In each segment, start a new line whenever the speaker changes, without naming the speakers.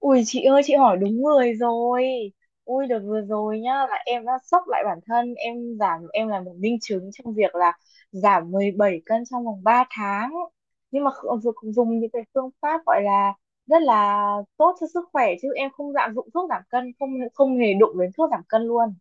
Ui chị ơi, chị hỏi đúng người rồi. Ui đợt vừa rồi nhá, là em đã sốc lại bản thân. Em giảm em là một minh chứng trong việc là giảm 17 cân trong vòng 3 tháng. Nhưng mà kh- dùng dùng những cái phương pháp gọi là rất là tốt cho sức khỏe. Chứ em không dạng dụng thuốc giảm cân, không không hề đụng đến thuốc giảm cân luôn.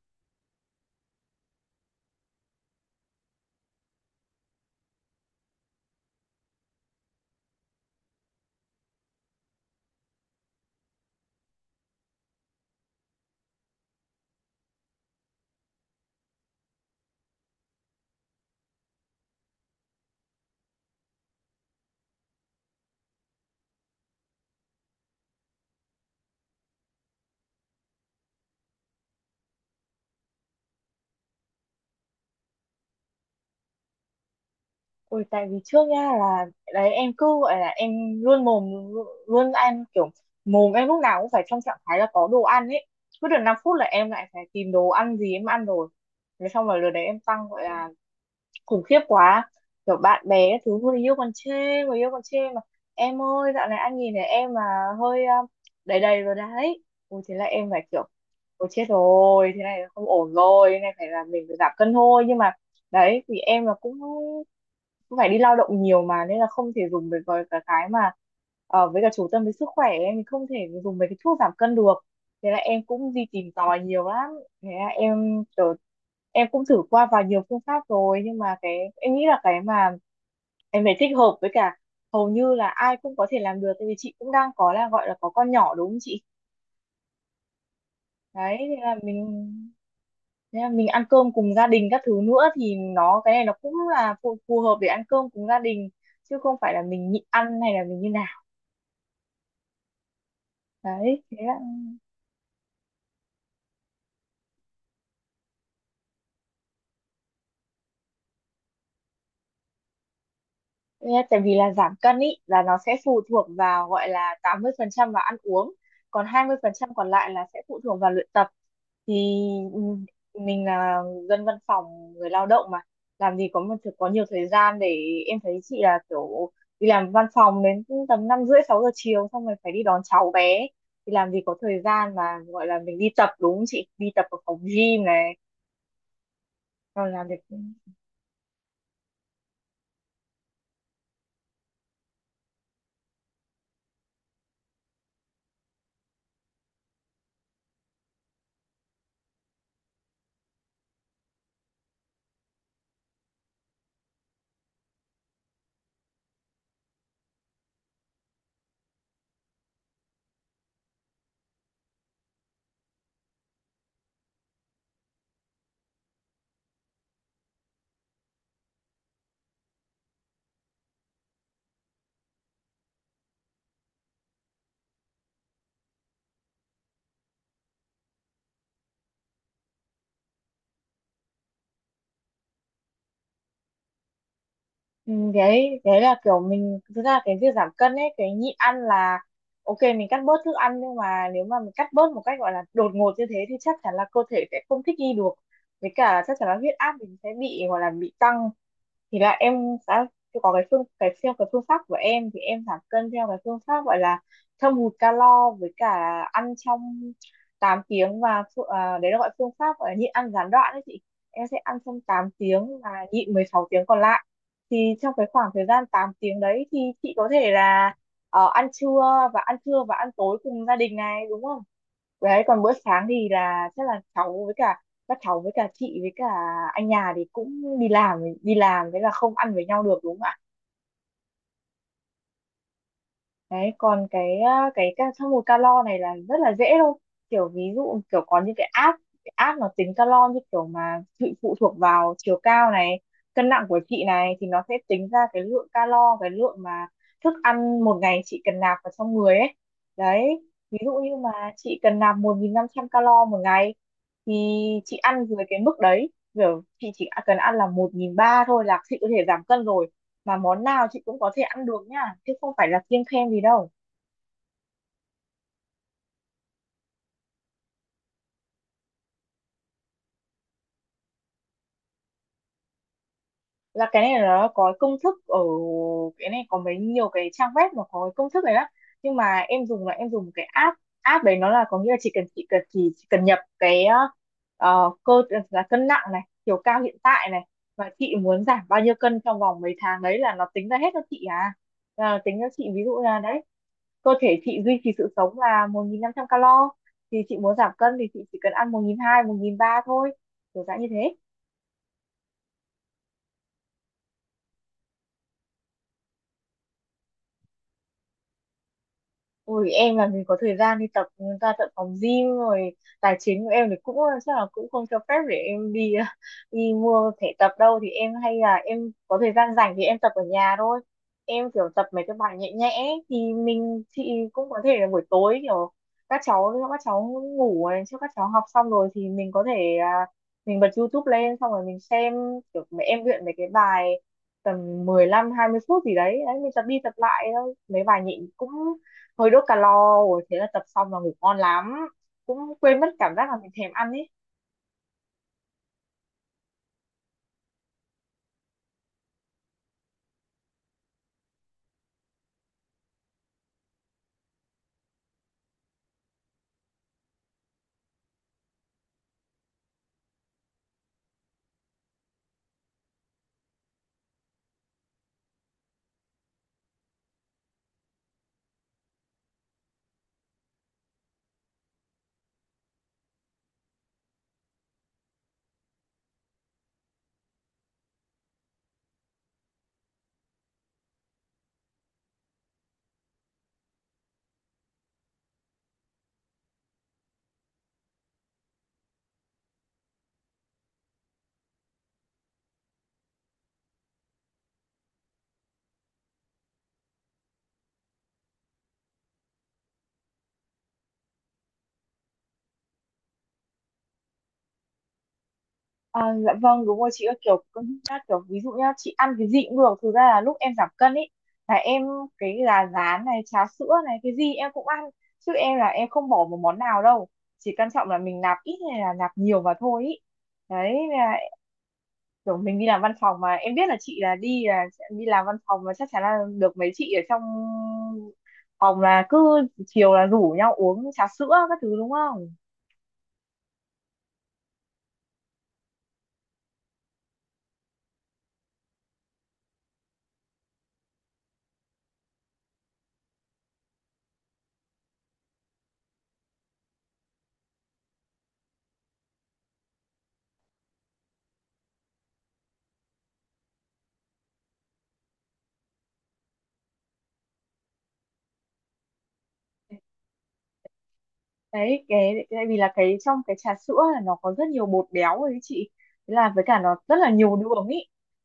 Ôi, tại vì trước nha là đấy em cứ gọi là em luôn mồm luôn ăn, kiểu mồm em lúc nào cũng phải trong trạng thái là có đồ ăn ấy. Cứ được 5 phút là em lại phải tìm đồ ăn gì em ăn rồi, thế xong rồi lần đấy em tăng gọi là khủng khiếp quá. Kiểu bạn bè các thứ, người yêu còn chê, người yêu còn chê mà: "Em ơi, dạo này anh nhìn thấy em mà hơi đầy đầy rồi đấy." Ui thế là em phải kiểu: "Ôi chết rồi, thế này là không ổn rồi, thế này phải là mình phải giảm cân thôi." Nhưng mà đấy thì em là cũng cũng phải đi lao động nhiều mà, nên là không thể dùng với cả cái mà với cả chủ tâm với sức khỏe em thì không thể dùng mấy cái thuốc giảm cân được. Thế là em cũng đi tìm tòi nhiều lắm. Thế à, em kiểu, em cũng thử qua vào nhiều phương pháp rồi, nhưng mà cái em nghĩ là cái mà em phải thích hợp với cả hầu như là ai cũng có thể làm được. Tại vì chị cũng đang có là gọi là có con nhỏ đúng không chị? Đấy, thế là mình ăn cơm cùng gia đình các thứ nữa, thì nó cái này nó cũng là phù hợp để ăn cơm cùng gia đình, chứ không phải là mình nhịn ăn hay là mình như nào. Đấy thế. Nghe, tại vì là giảm cân ý là nó sẽ phụ thuộc vào gọi là 80% vào ăn uống, còn 20% còn lại là sẽ phụ thuộc vào luyện tập. Thì ừm, mình là dân văn phòng người lao động mà, làm gì có nhiều thời gian để. Em thấy chị là kiểu đi làm văn phòng đến tầm 5:30-6 giờ chiều, xong rồi phải đi đón cháu bé, thì làm gì có thời gian mà gọi là mình đi tập đúng không chị? Đi tập ở phòng gym này, rồi làm việc. Ừ, đấy đấy là kiểu mình thực ra cái việc giảm cân ấy, cái nhịn ăn là ok, mình cắt bớt thức ăn, nhưng mà nếu mà mình cắt bớt một cách gọi là đột ngột như thế thì chắc chắn là cơ thể sẽ không thích nghi được, với cả chắc chắn là huyết áp mình sẽ bị gọi là bị tăng. Thì là em đã có cái theo cái phương pháp của em thì em giảm cân theo cái phương pháp gọi là thâm hụt calo với cả ăn trong 8 tiếng và đấy là gọi phương pháp gọi là nhịn ăn gián đoạn đấy chị. Em sẽ ăn trong 8 tiếng và nhịn 16 tiếng còn lại. Thì trong cái khoảng thời gian 8 tiếng đấy thì chị có thể là ăn trưa và ăn tối cùng gia đình này đúng không? Đấy còn bữa sáng thì là chắc là cháu với cả các cháu với cả chị với cả anh nhà thì cũng đi làm đi làm, thế là không ăn với nhau được đúng không? Đấy, còn cái à, cái ca- trong một calo này là rất là dễ thôi. Kiểu ví dụ kiểu có những cái app nó tính calo, như kiểu mà chị phụ thuộc vào chiều cao này, cân nặng của chị này thì nó sẽ tính ra cái lượng calo, cái lượng mà thức ăn một ngày chị cần nạp vào trong người ấy. Đấy, ví dụ như mà chị cần nạp 1.500 calo một ngày thì chị ăn dưới cái mức đấy, kiểu chị chỉ cần ăn là 1.300 thôi là chị có thể giảm cân rồi, mà món nào chị cũng có thể ăn được nha, chứ không phải là kiêng khem gì đâu. Là cái này là nó có cái công thức ở, cái này có mấy nhiều cái trang web mà có cái công thức này đó, nhưng mà em dùng là em dùng cái app app đấy nó là có nghĩa là chỉ cần chị cần chỉ cần nhập cái ờ, cơ là cân nặng này, chiều cao hiện tại này, và chị muốn giảm bao nhiêu cân trong vòng mấy tháng đấy là nó tính ra hết cho chị à. Là tính cho chị, ví dụ là đấy cơ thể chị duy trì sự sống là 1.500 calo, thì chị muốn giảm cân thì chị chỉ cần ăn 1.200 1.300 thôi, kiểu dạng như thế. Ôi em làm gì có thời gian đi tập ra tận phòng gym rồi, tài chính của em thì chắc là cũng không cho phép để em đi đi mua thẻ tập đâu. Thì em hay là em có thời gian rảnh thì em tập ở nhà thôi, em kiểu tập mấy cái bài nhẹ nhẽ ấy, thì mình chị cũng có thể là buổi tối kiểu các cháu ngủ này, trước các cháu học xong rồi thì mình có thể mình bật YouTube lên xong rồi mình xem kiểu mấy em luyện mấy cái bài tầm 15-20 phút gì đấy, đấy mình tập đi tập lại thôi mấy bài nhịn cũng hơi đốt calo, rồi thế là tập xong là ngủ ngon lắm, cũng quên mất cảm giác là mình thèm ăn ấy. à, dạ vâng đúng rồi chị ơi, kiểu cân nhắc kiểu ví dụ nhá, chị ăn cái gì cũng được, thực ra là lúc em giảm cân ấy là em cái gà rán này, cháo sữa này, cái gì em cũng ăn, chứ em là em không bỏ một món nào đâu, chỉ quan trọng là mình nạp ít hay là nạp nhiều mà thôi ý. Đấy, kiểu mình đi làm văn phòng mà em biết là chị là đi là sẽ đi làm văn phòng mà chắc chắn là được mấy chị ở trong phòng là cứ chiều là rủ nhau uống trà sữa các thứ đúng không? Đấy cái tại vì là cái trong cái trà sữa là nó có rất nhiều bột béo ấy chị, thế là với cả nó rất là nhiều đường ý.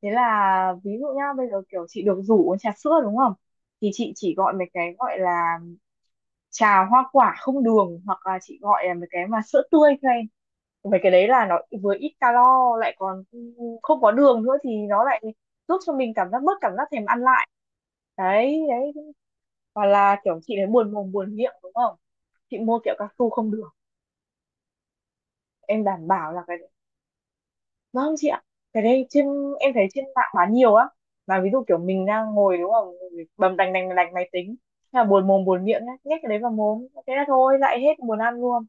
Thế là ví dụ nhá bây giờ kiểu chị được rủ uống trà sữa đúng không, thì chị chỉ gọi mấy cái gọi là trà hoa quả không đường, hoặc là chị gọi là mấy cái mà sữa tươi thôi, mấy cái đấy là nó vừa ít calo lại còn không có đường nữa thì nó lại giúp cho mình cảm giác bớt cảm giác thèm ăn lại. Đấy đấy. Hoặc là kiểu chị đấy buồn mồm buồn miệng đúng không, chị mua kẹo cao su không được, em đảm bảo là cái đấy. Vâng chị ạ, cái đấy em thấy trên mạng bán nhiều á. Mà ví dụ kiểu mình đang ngồi đúng không, bầm đành đành đành máy tính, thế là buồn mồm buồn miệng nhá, nhét cái đấy vào mồm thế là thôi lại hết buồn ăn luôn.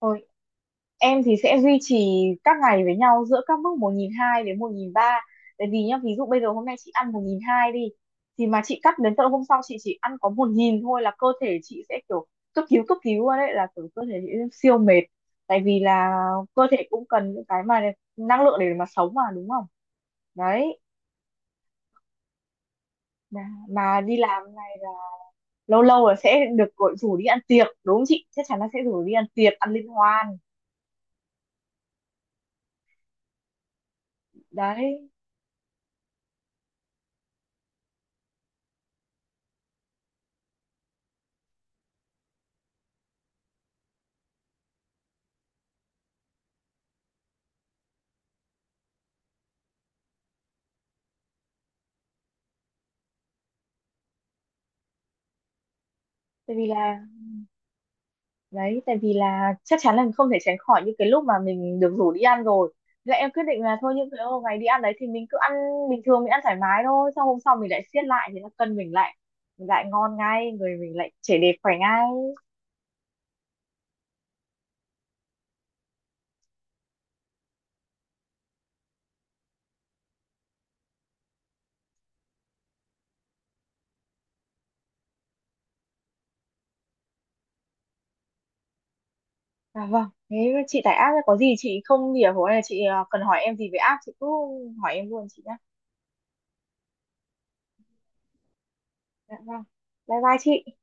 Thôi em thì sẽ duy trì các ngày với nhau giữa các mức 1.200 đến 1.300. Tại vì nhá, ví dụ bây giờ hôm nay chị ăn 1.200 đi, thì mà chị cắt đến tận hôm sau chị chỉ ăn có 1.000 thôi là cơ thể chị sẽ kiểu cấp cứu luôn, đấy là kiểu cơ thể chị siêu mệt, tại vì là cơ thể cũng cần những cái mà năng lượng để mà sống mà đúng không. Đấy mà, mà đi làm này là lâu lâu là sẽ được gọi rủ đi ăn tiệc đúng không chị, chắc chắn là sẽ rủ đi ăn tiệc ăn liên hoan đấy. tại vì là Tại vì là chắc chắn là không thể tránh khỏi những cái lúc mà mình được rủ đi ăn rồi. Thế là em quyết định là thôi những cái hôm ngày đi ăn đấy thì mình cứ ăn bình thường, mình ăn thoải mái thôi, xong hôm sau mình lại siết lại thì nó cân mình lại, mình lại ngon ngay, người mình lại trẻ đẹp khỏe ngay. Vâng, thế chị tải app ấy, có gì chị không hiểu hoặc là chị cần hỏi em gì về app chị cứ hỏi em luôn chị nhé. Dạ vâng, bye bye chị.